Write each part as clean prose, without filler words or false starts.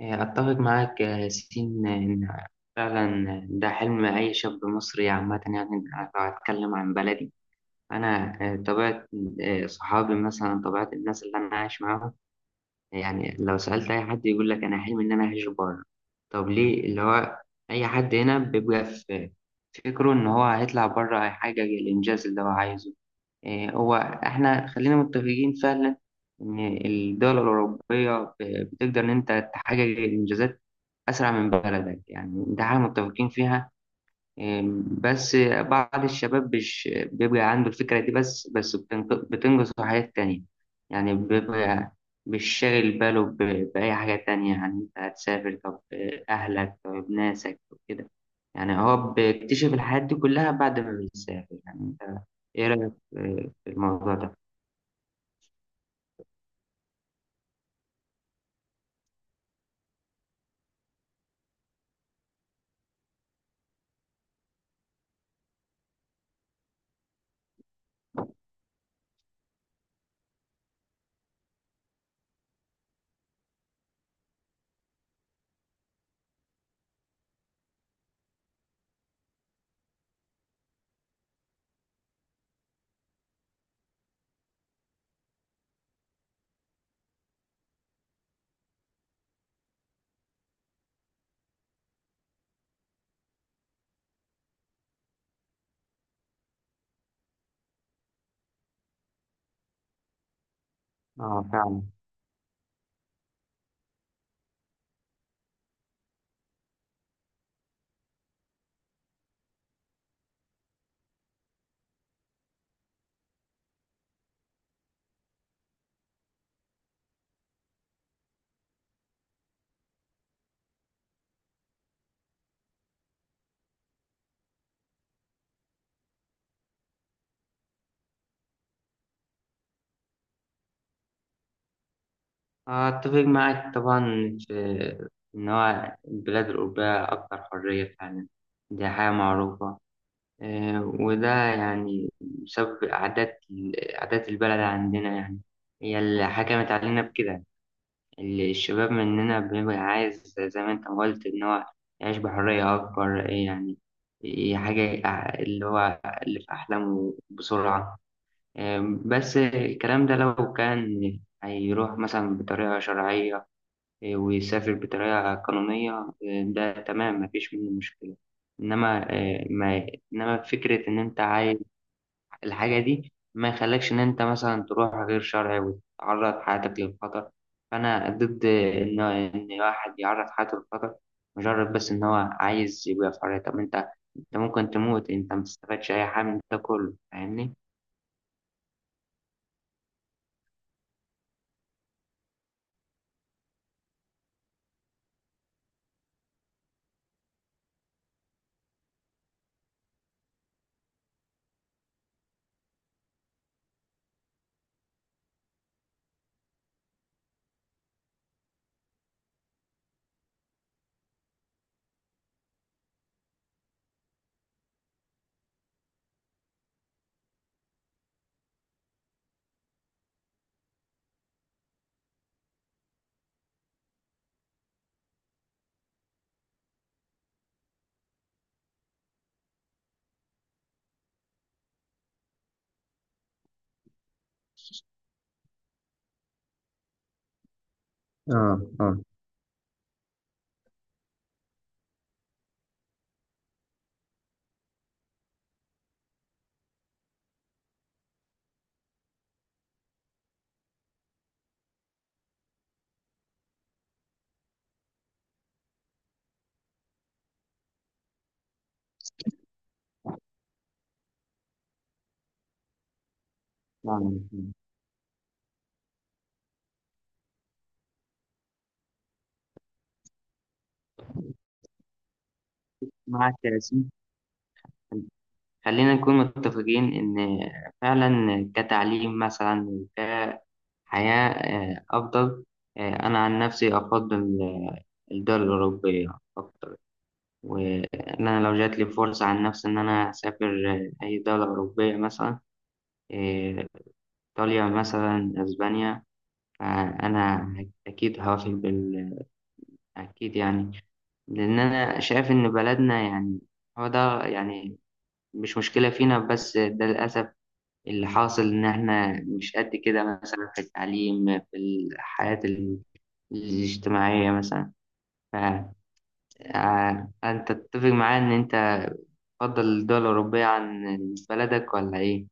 أتفق معاك يا ياسين إن فعلا ده حلم أي شاب مصري عامة، يعني لو هتكلم عن بلدي أنا. طبيعة صحابي مثلا، طبيعة الناس اللي أنا عايش معاهم، يعني لو سألت أي حد يقول لك أنا حلمي إن أنا أعيش بره. طب ليه؟ اللي هو أي حد هنا بيبقى في فكره إن هو هيطلع بره هيحقق الإنجاز اللي هو عايزه. هو إحنا خلينا متفقين فعلا إن الدول الأوروبية بتقدر إن أنت تحقق الإنجازات أسرع من بلدك، يعني ده حاجة متفقين فيها. بس بعض الشباب مش بيبقى عنده الفكرة دي، بس بتنقص في حاجات تانية. يعني بيبقى مش شاغل باله بأي حاجة تانية، يعني أنت هتسافر، طب أهلك، طب ناسك وكده. يعني هو بيكتشف الحاجات دي كلها بعد ما بيسافر. يعني أنت إيه رأيك في الموضوع ده؟ آه فعلا. أتفق معك طبعا في إن هو البلاد الأوروبية أكثر حرية فعلا، دي حاجة معروفة. وده يعني بسبب عادات البلد عندنا، يعني هي اللي حكمت علينا بكده. اللي الشباب مننا بيبقى عايز، زي ما أنت ما قلت، إن هو يعيش بحرية أكبر. يعني هي حاجة اللي هو اللي في أحلامه بسرعة. بس الكلام ده لو كان هيروح مثلا بطريقة شرعية، إيه، ويسافر بطريقة قانونية، إيه، ده تمام مفيش منه مشكلة. إنما إيه، ما إنما فكرة إن أنت عايز الحاجة دي ما يخليكش إن أنت مثلا تروح غير شرعي وتعرض حياتك للخطر. فأنا ضد إن واحد يعرض حياته للخطر مجرد بس إن هو عايز يبقى في حرية. طب أنت ممكن تموت، أنت ما تستفادش أي حاجة من ده كله، فاهمني؟ اه اه، يعني معك يا ياسين. خلينا نكون متفقين إن فعلا كتعليم مثلا، كحياة أفضل. أنا عن نفسي أفضل الدول الأوروبية أكتر، وإن أنا لو جات لي فرصة عن نفسي إن أنا أسافر أي دولة أوروبية مثلا، آه، إيطاليا مثلا، أسبانيا، فأنا أكيد هوافق بال، أكيد يعني. لأن أنا شايف إن بلدنا يعني هو ده يعني مش مشكلة فينا، بس ده للأسف اللي حاصل، إن إحنا مش قد كده مثلا في التعليم، في الحياة الاجتماعية مثلا. فأنت تتفق معايا إن أنت تفضل الدول الأوروبية عن بلدك ولا إيه؟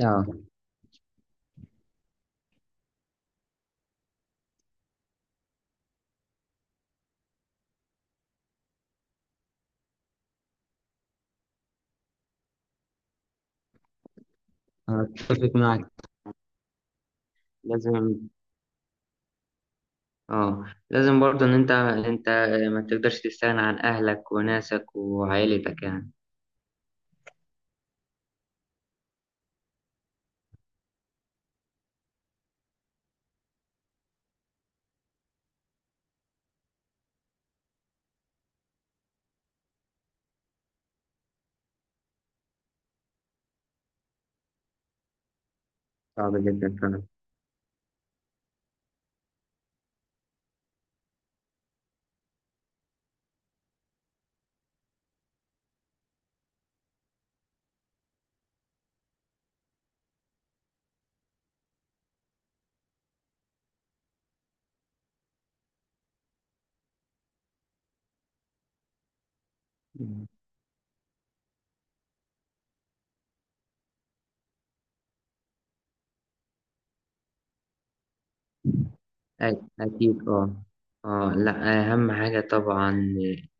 اه أنا أتفق معك. لازم، اه لازم برضه ان انت ما تقدرش تستغنى عن اهلك وناسك وعائلتك يعني. صعب جدا فعلا. أكيد أه. أه لأ، أهم حاجة طبعا،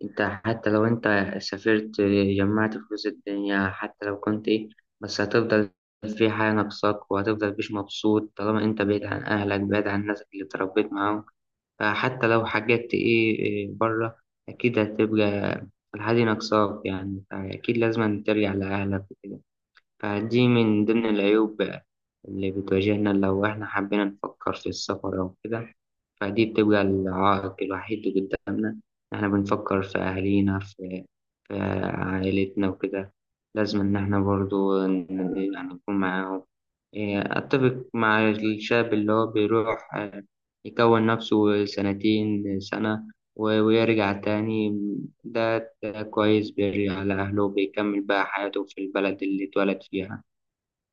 أنت حتى لو أنت سافرت، جمعت فلوس الدنيا، حتى لو كنت إيه، بس هتفضل في حاجة ناقصاك، وهتفضل مش مبسوط طالما أنت بعيد عن أهلك، بعيد عن الناس اللي اتربيت معاهم. فحتى لو حاجات إيه إيه بره، أكيد هتبقى الحاجة ناقصاك، يعني فأكيد لازم ترجع لأهلك وكده. فدي من ضمن العيوب اللي بتواجهنا لو إحنا حبينا نفكر في السفر أو كده. فدي بتبقى العائق الوحيد اللي قدامنا. احنا بنفكر في أهالينا، في في عائلتنا وكده، لازم إن احنا برضو يعني نكون معاهم. إيه، أتفق مع الشاب اللي هو بيروح يكون نفسه سنتين سنة ويرجع تاني. ده كويس، بيرجع لأهله وبيكمل بقى حياته في البلد اللي اتولد فيها.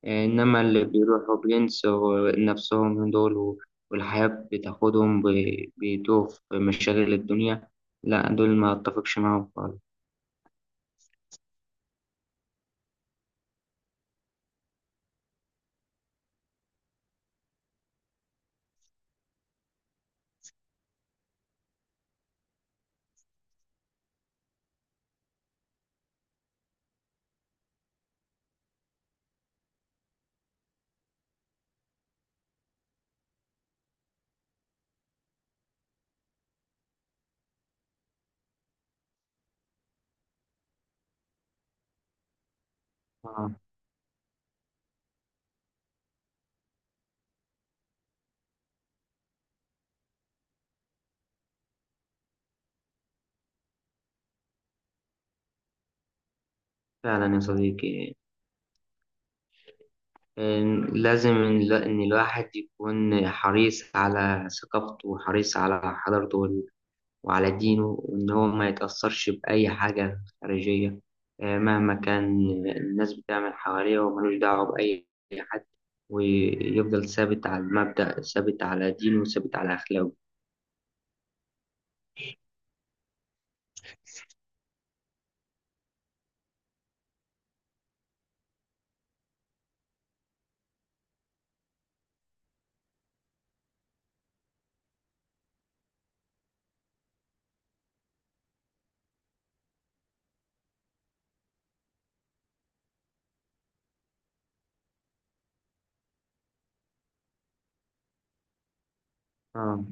إنما اللي بيروحوا بينسوا نفسهم دول، والحياة بتاخدهم، بيتوه في مشاغل الدنيا، لا دول ما أتفقش معاهم خالص. آه، فعلا يا صديقي، لازم إن لا- إن الواحد يكون حريص على ثقافته، وحريص على حضارته، وعلى دينه، وإن هو ما يتأثرش بأي حاجة خارجية مهما كان الناس بتعمل حواليه، وملوش دعوة بأي حد، ويفضل ثابت على المبدأ، ثابت على دينه، وثابت على أخلاقه. آه.